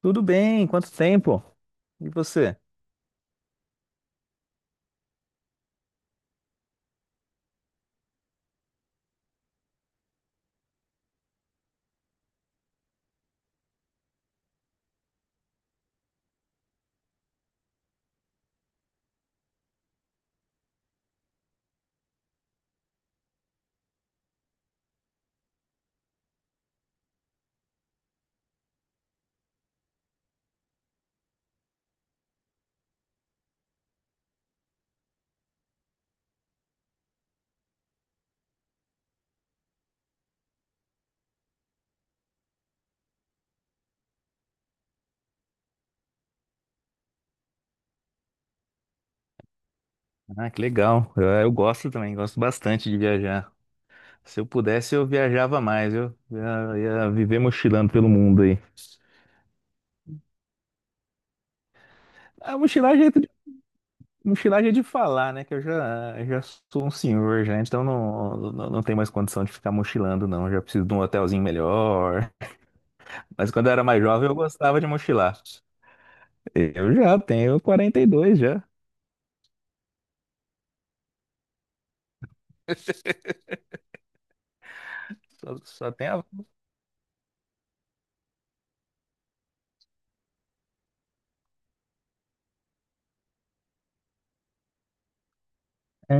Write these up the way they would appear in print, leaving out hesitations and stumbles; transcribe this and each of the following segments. Tudo bem? Quanto tempo? E você? Ah, que legal. Eu gosto também, gosto bastante de viajar. Se eu pudesse, eu viajava mais, eu ia viver mochilando pelo mundo aí. A mochilagem é jeito de, mochilar é de falar, né? Que eu já sou um senhor já, então não tenho mais condição de ficar mochilando, não. Já preciso de um hotelzinho melhor. Mas quando eu era mais jovem, eu gostava de mochilar. Eu já tenho 42 já. Só tenho a.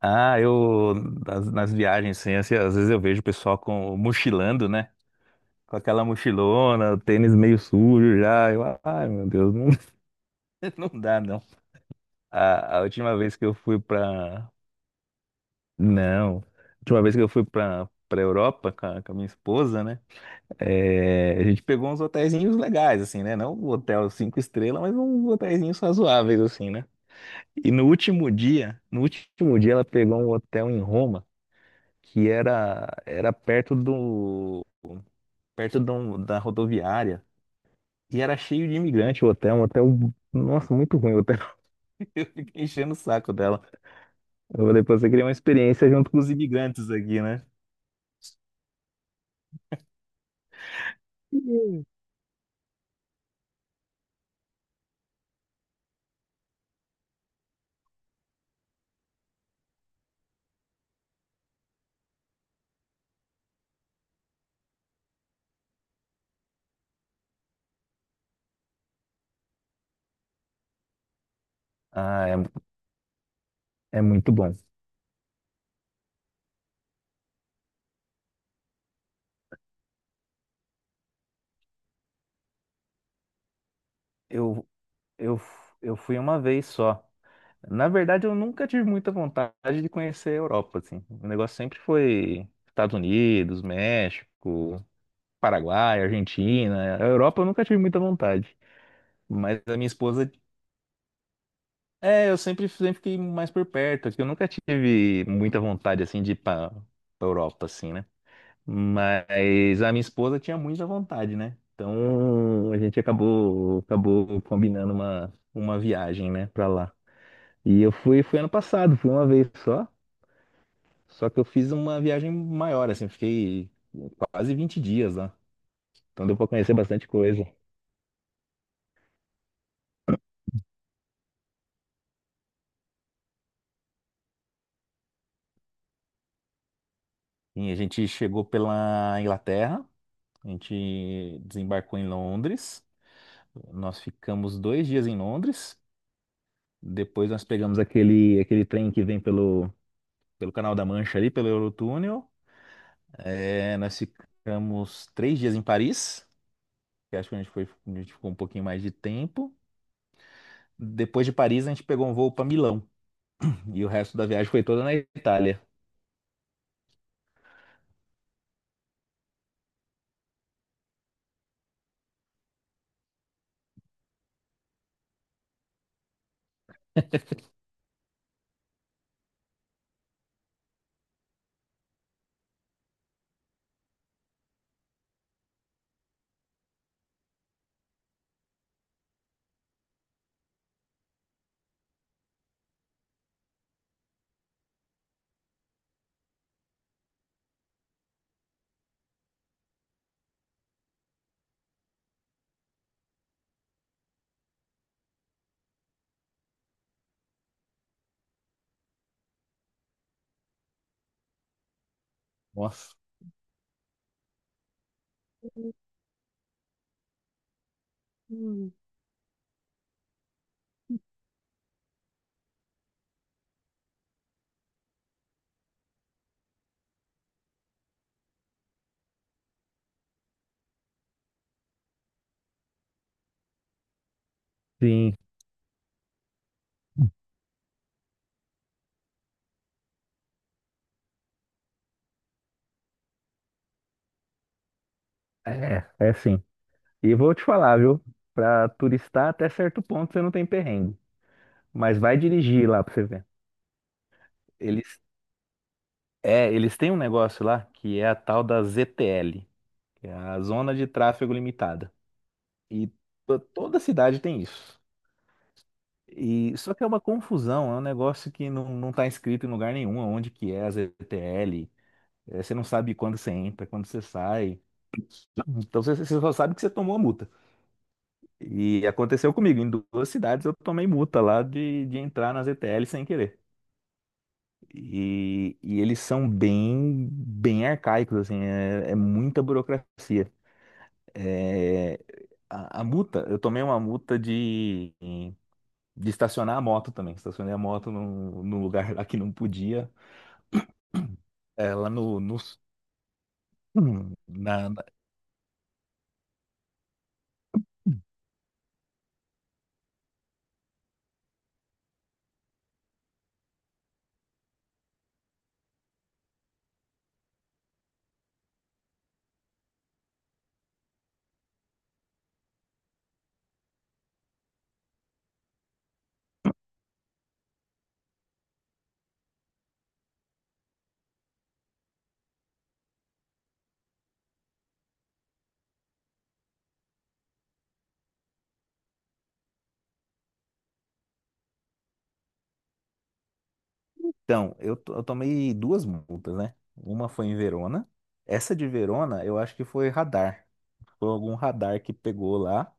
Ah, eu nas viagens, assim, às vezes eu vejo o pessoal com mochilando, né? Com aquela mochilona, o tênis meio sujo já. Ai, meu Deus, não, não dá não. A última vez que eu fui pra. Não. A última vez que eu fui pra, Europa com a minha esposa, né? É, a gente pegou uns hotelzinhos legais, assim, né? Não um hotel cinco estrelas, mas uns hotelzinhos razoáveis, assim, né? E no último dia ela pegou um hotel em Roma, que era perto do, da rodoviária. E era cheio de imigrante o hotel, um hotel, nossa, muito ruim o hotel. Fiquei enchendo o saco dela. Eu falei, pô, você queria uma experiência junto com os imigrantes aqui, né? Sim. Ah, é, é muito bom. Eu, eu, eu fui uma vez só. Na verdade, eu nunca tive muita vontade de conhecer a Europa, assim. O negócio sempre foi Estados Unidos, México, Paraguai, Argentina. A Europa eu nunca tive muita vontade. Mas a minha esposa é, eu sempre, sempre fiquei mais por perto, que eu nunca tive muita vontade, assim, de ir pra Europa, assim, né? Mas a minha esposa tinha muita vontade, né? Então a gente acabou combinando uma viagem, né, pra lá. E eu fui ano passado, fui uma vez só, só que eu fiz uma viagem maior, assim, fiquei quase 20 dias lá. Então deu pra conhecer bastante coisa. E a gente chegou pela Inglaterra, a gente desembarcou em Londres. Nós ficamos 2 dias em Londres. Depois nós pegamos aquele, aquele trem que vem pelo Canal da Mancha ali, pelo Eurotúnel. É, nós ficamos 3 dias em Paris, que acho que a gente ficou um pouquinho mais de tempo. Depois de Paris, a gente pegou um voo para Milão. E o resto da viagem foi toda na Itália. Nossa. Sim, é sim. E vou te falar, viu? Pra turistar até certo ponto você não tem perrengue. Mas vai dirigir lá pra você ver. Eles eles têm um negócio lá que é a tal da ZTL, que é a Zona de Tráfego Limitada. E toda cidade tem isso. E só que é uma confusão, é um negócio que não tá escrito em lugar nenhum onde que é a ZTL. É, você não sabe quando você entra, quando você sai. Então você só sabe que você tomou a multa. E aconteceu comigo, em duas cidades eu tomei multa lá de entrar na ZTL sem querer. E eles são bem, bem arcaicos, assim, é muita burocracia. É, a multa, eu tomei uma multa de estacionar a moto também. Estacionei a moto num lugar lá que não podia. É, lá no na, na- Então, eu tomei duas multas, né? Uma foi em Verona. Essa de Verona, eu acho que foi radar. Foi algum radar que pegou lá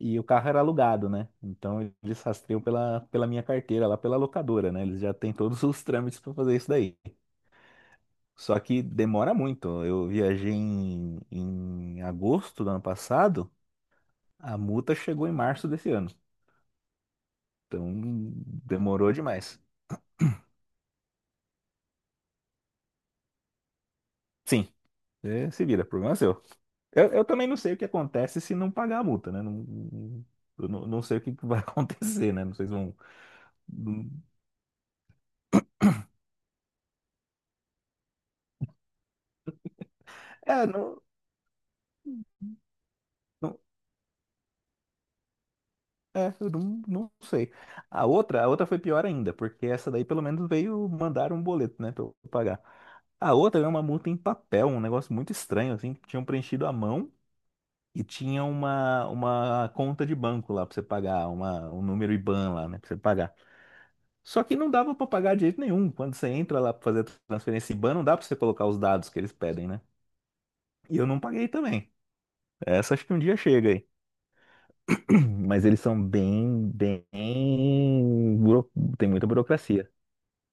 e o carro era alugado, né? Então eles rastreiam pela minha carteira, lá pela locadora, né? Eles já têm todos os trâmites para fazer isso daí. Só que demora muito. Eu viajei em agosto do ano passado, a multa chegou em março desse ano. Então demorou demais. Sim, é, se vira, problema é seu. Eu também não sei o que acontece se não pagar a multa, né? Não, eu não sei o que que vai acontecer, né? Não sei se vão. É, não. É, eu não sei. A outra foi pior ainda, porque essa daí pelo menos veio mandar um boleto, né, pra eu pagar. A outra é uma multa em papel, um negócio muito estranho, assim, que tinham preenchido à mão e tinha uma conta de banco lá pra você pagar, um número IBAN lá, né, pra você pagar. Só que não dava pra pagar de jeito nenhum. Quando você entra lá pra fazer a transferência IBAN, não dá pra você colocar os dados que eles pedem, né? E eu não paguei também. Essa acho que um dia chega aí. Mas eles são bem, bem. Tem muita burocracia.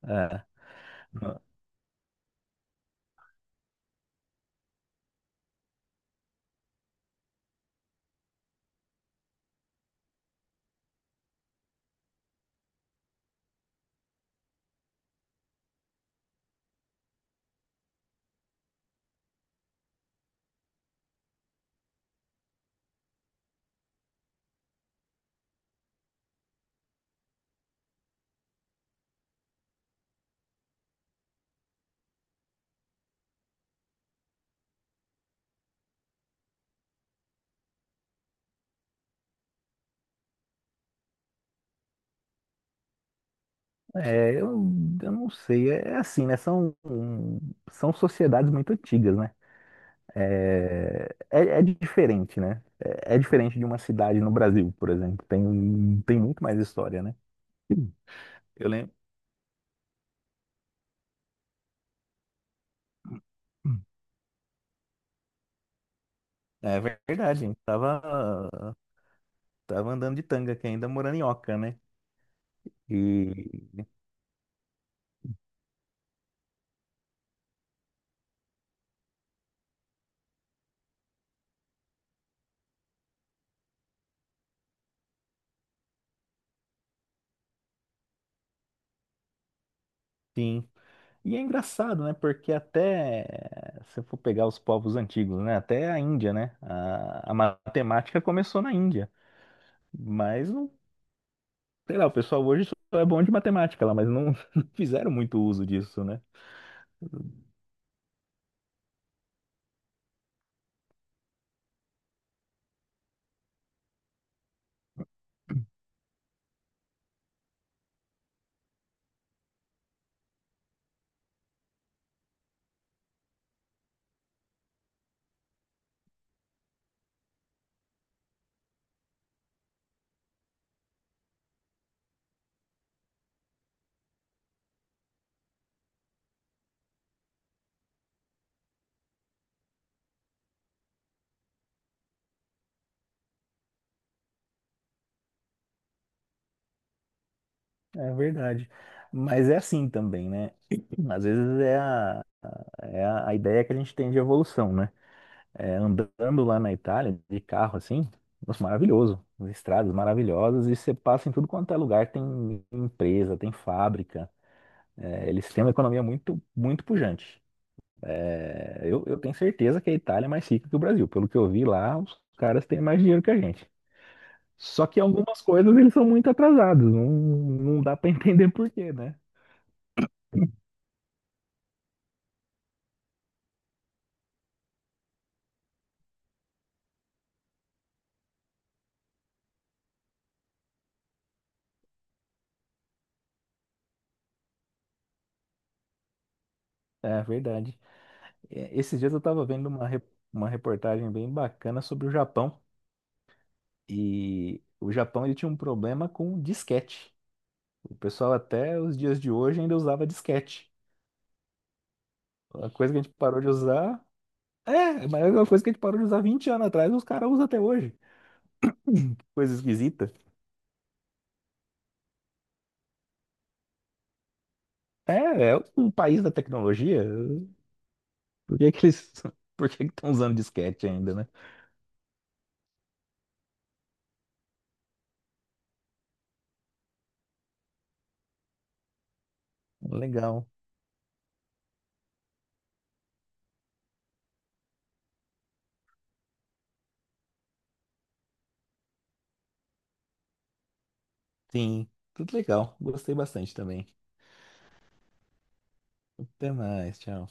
É, é, eu não sei. É assim, né? São sociedades muito antigas, né? É, é diferente, né? É diferente de uma cidade no Brasil, por exemplo. Tem muito mais história, né? Sim. Eu lembro. É verdade, a gente tava andando de tanga aqui ainda, morando em Oca, né? E Sim. E é engraçado, né? Porque até se eu for pegar os povos antigos, né? Até a Índia, né? A matemática começou na Índia. Mas, sei lá, o pessoal hoje só é bom de matemática lá, mas não, não fizeram muito uso disso, né? É verdade. Mas é assim também, né? Às vezes é a ideia que a gente tem de evolução, né? Andando lá na Itália, de carro assim, nossa, maravilhoso. As estradas maravilhosas e você passa em tudo quanto é lugar, tem empresa, tem fábrica. É, eles têm uma economia muito, muito pujante. É, eu tenho certeza que a Itália é mais rica que o Brasil. Pelo que eu vi lá, os caras têm mais dinheiro que a gente. Só que algumas coisas eles são muito atrasados, não dá para entender por quê, né? É verdade. Esses dias eu estava vendo uma reportagem bem bacana sobre o Japão. E o Japão ele tinha um problema com disquete. O pessoal até os dias de hoje ainda usava disquete. Uma coisa que a gente parou de usar. É, mas é uma coisa que a gente parou de usar 20 anos atrás, os caras usam até hoje. Coisa esquisita. É é um país da tecnologia. Por que que eles, por que que estão usando disquete ainda, né? Legal. Sim, tudo legal. Gostei bastante também. Até mais, tchau.